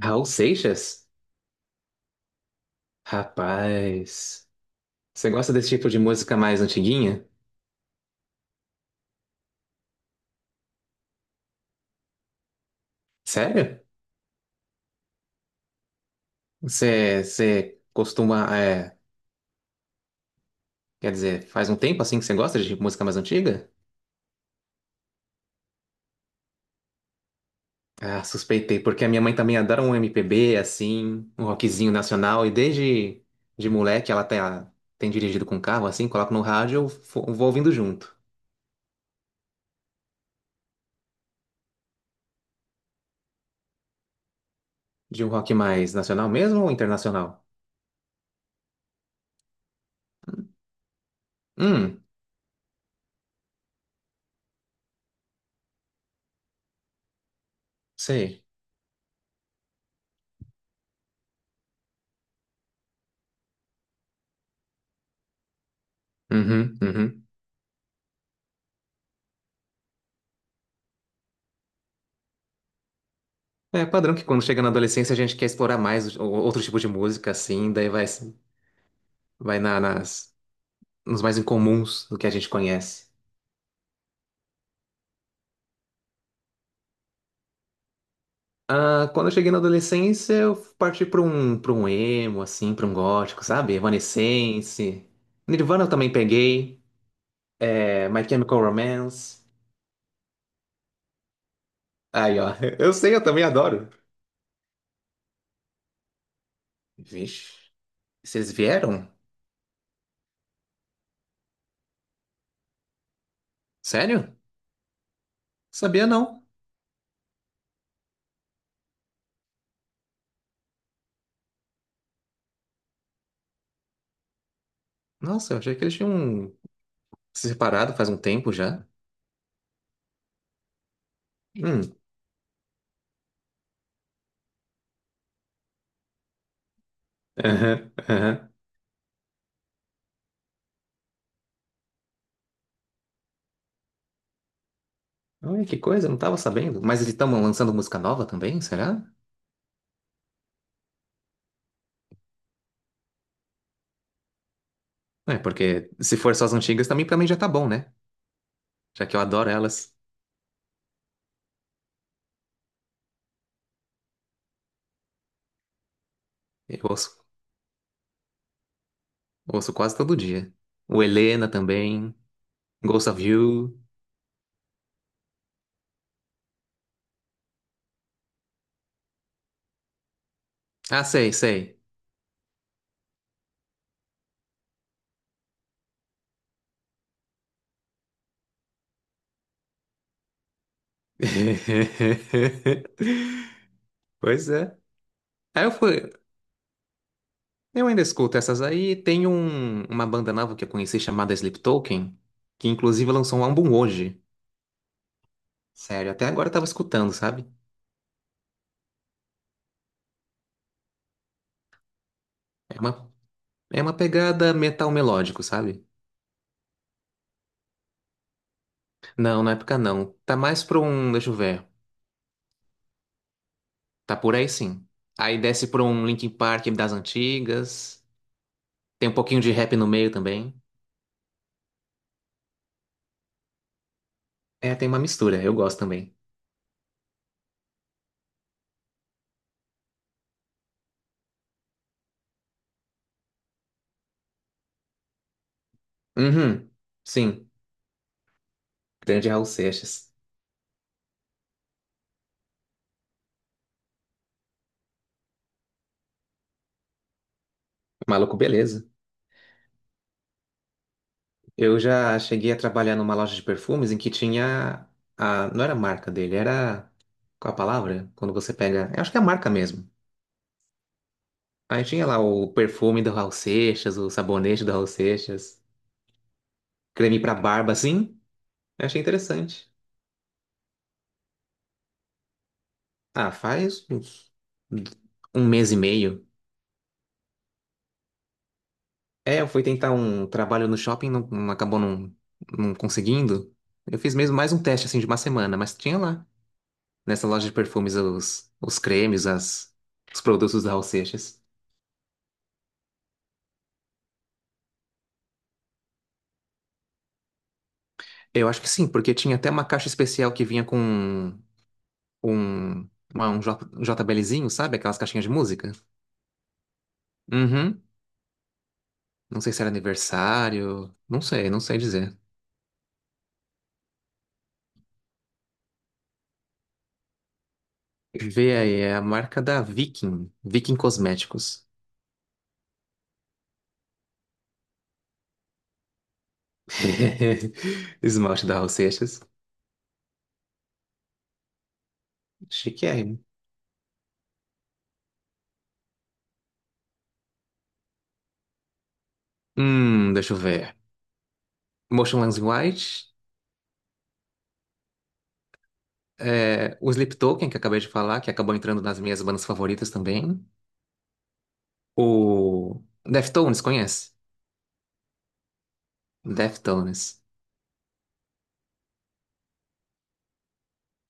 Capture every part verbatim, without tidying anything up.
Raul Seixas? Rapaz, você gosta desse tipo de música mais antiguinha? Sério? Você, você costuma, é, quer dizer, faz um tempo assim que você gosta de música mais antiga? Ah, suspeitei, porque a minha mãe também adora um M P B, assim, um rockzinho nacional, e desde de moleque ela tem, a- tem dirigido com carro, assim, coloca no rádio, eu fo- vou ouvindo junto. De um rock mais nacional mesmo ou internacional? Hum, sei. Uhum, uhum. É padrão que quando chega na adolescência a gente quer explorar mais o- o- outro tipo de música, assim, daí vai, vai na- nas, nos mais incomuns do que a gente conhece. Ah, quando eu cheguei na adolescência, eu parti para um, para um emo, assim, para um gótico, sabe? Evanescence. Nirvana eu também peguei. É, My Chemical Romance. Aí, ó. Eu sei, eu também adoro. Vixe. Vocês vieram? Sério? Sabia não. Nossa, eu achei que eles tinham se separado faz um tempo já. Hum. Aham, aham. Olha que coisa, eu não tava sabendo. Mas eles estão lançando música nova também, será? É, porque se for só as antigas também, pra mim já tá bom, né? Já que eu adoro elas. Eu ouço, ouço quase todo dia. O Helena também. Ghost of You. Ah, sei, sei. Pois é. Aí eu fui. Eu ainda escuto essas aí. Tem um, uma banda nova que eu conheci chamada Sleep Token, que inclusive lançou um álbum hoje. Sério, até agora eu tava escutando, sabe? É uma, É uma pegada metal melódico, sabe? Não, na época não. Tá mais pra um, deixa eu ver. Tá por aí sim. Aí desce pra um Linkin Park das antigas. Tem um pouquinho de rap no meio também. É, tem uma mistura, eu gosto também. Uhum, sim. Grande Raul Seixas. Maluco, beleza. Eu já cheguei a trabalhar numa loja de perfumes em que tinha a... Não era a marca dele, era... Qual a palavra? Quando você pega... Eu acho que é a marca mesmo. Aí tinha lá o perfume do Raul Seixas, o sabonete do Raul Seixas, creme pra barba, assim. Eu achei interessante. Ah, faz uns, um mês e meio. É, eu fui tentar um trabalho no shopping, não, não acabou não, não conseguindo. Eu fiz mesmo mais um teste assim de uma semana, mas tinha lá, nessa loja de perfumes, os, os cremes, as, os produtos da Raul Seixas. Eu acho que sim, porque tinha até uma caixa especial que vinha com um, uma- um, J- um JBLzinho, sabe? Aquelas caixinhas de música. Uhum. Não sei se era aniversário, não sei, não sei dizer. Vê aí, é a marca da Viking, Viking Cosméticos. Esmalte da Raul Seixas. Chiquérrimo. Hum, deixa eu ver. Motionless in White. É, o Sleep Token, que eu acabei de falar, que acabou entrando nas minhas bandas favoritas também. O Deftones, conhece? Deftones.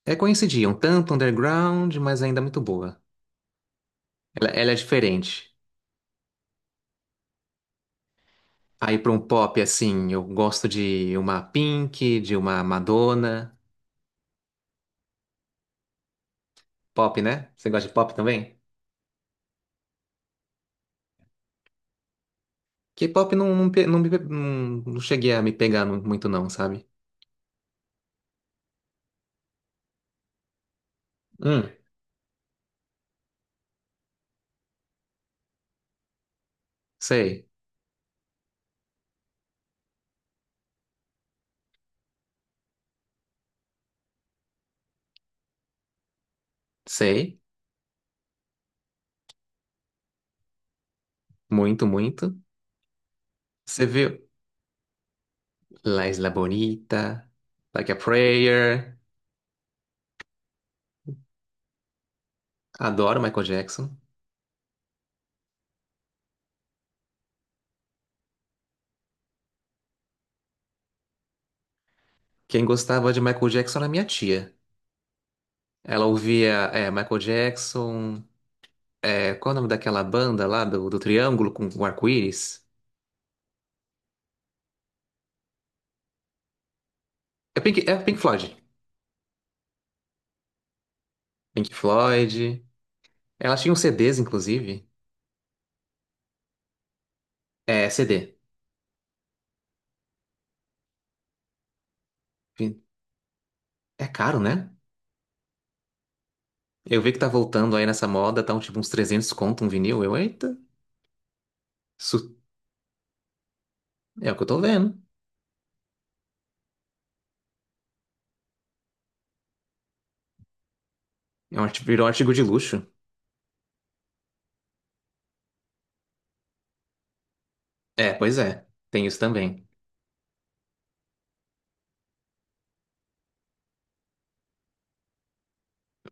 É conhecidinha, um tanto underground, mas ainda muito boa. Ela, ela é diferente. Aí para um pop, assim, eu gosto de uma Pink, de uma Madonna. Pop, né? Você gosta de pop também? K-pop não, não, pe- não, me não, não cheguei a me pegar mu- muito, não, sabe? Hum, sei, sei, muito, muito. Você viu La Isla Bonita, Like a Prayer, adoro Michael Jackson. Quem gostava de Michael Jackson era minha tia. Ela ouvia é, Michael Jackson, é, qual é o nome daquela banda lá do, do Triângulo com o arco-íris? É Pink, é Pink Floyd. Pink Floyd. Ela tinha uns C Ds, inclusive. É, C D. É caro, né? Eu vi que tá voltando aí nessa moda, tá um, tipo uns trezentos conto um vinil. Eu, eita, isso é o que eu tô vendo. É um, arti- virou um artigo de luxo. É, pois é, tem isso também.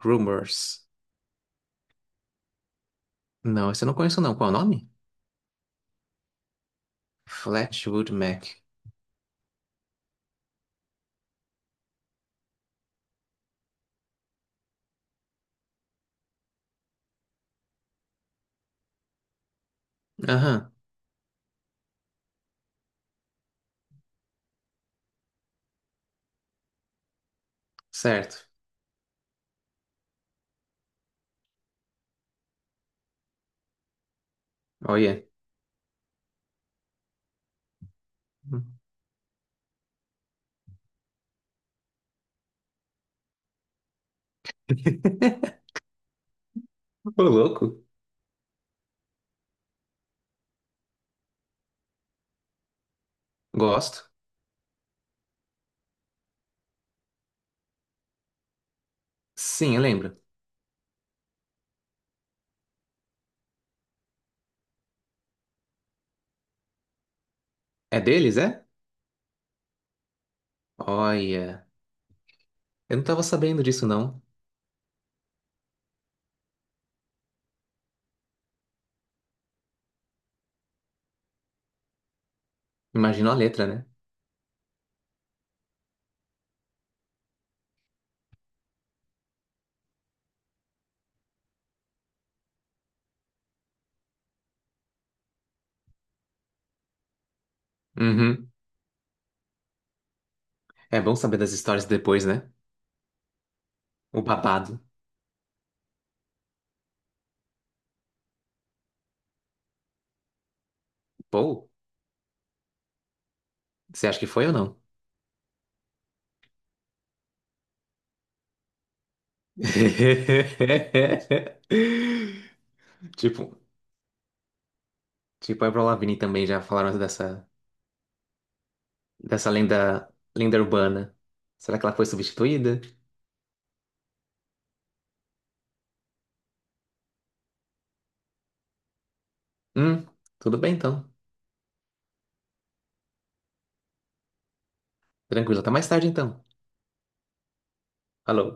Rumors. Não, esse eu não conheço não. Qual é o nome? Flatwood Mac. Aham, certo. Olha. Ô, louco. Gosto. Sim, eu lembro. É deles, é? Olha. Eu não tava sabendo disso, não. Imagino a letra, né? Uhum. É bom saber das histórias depois, né? O babado. Pô, você acha que foi ou não? Tipo, tipo, a Avril Lavigne também já falaram dessa, dessa lenda, lenda urbana. Será que ela foi substituída? Hum, tudo bem então. Tranquilo, até mais tarde então. Falou.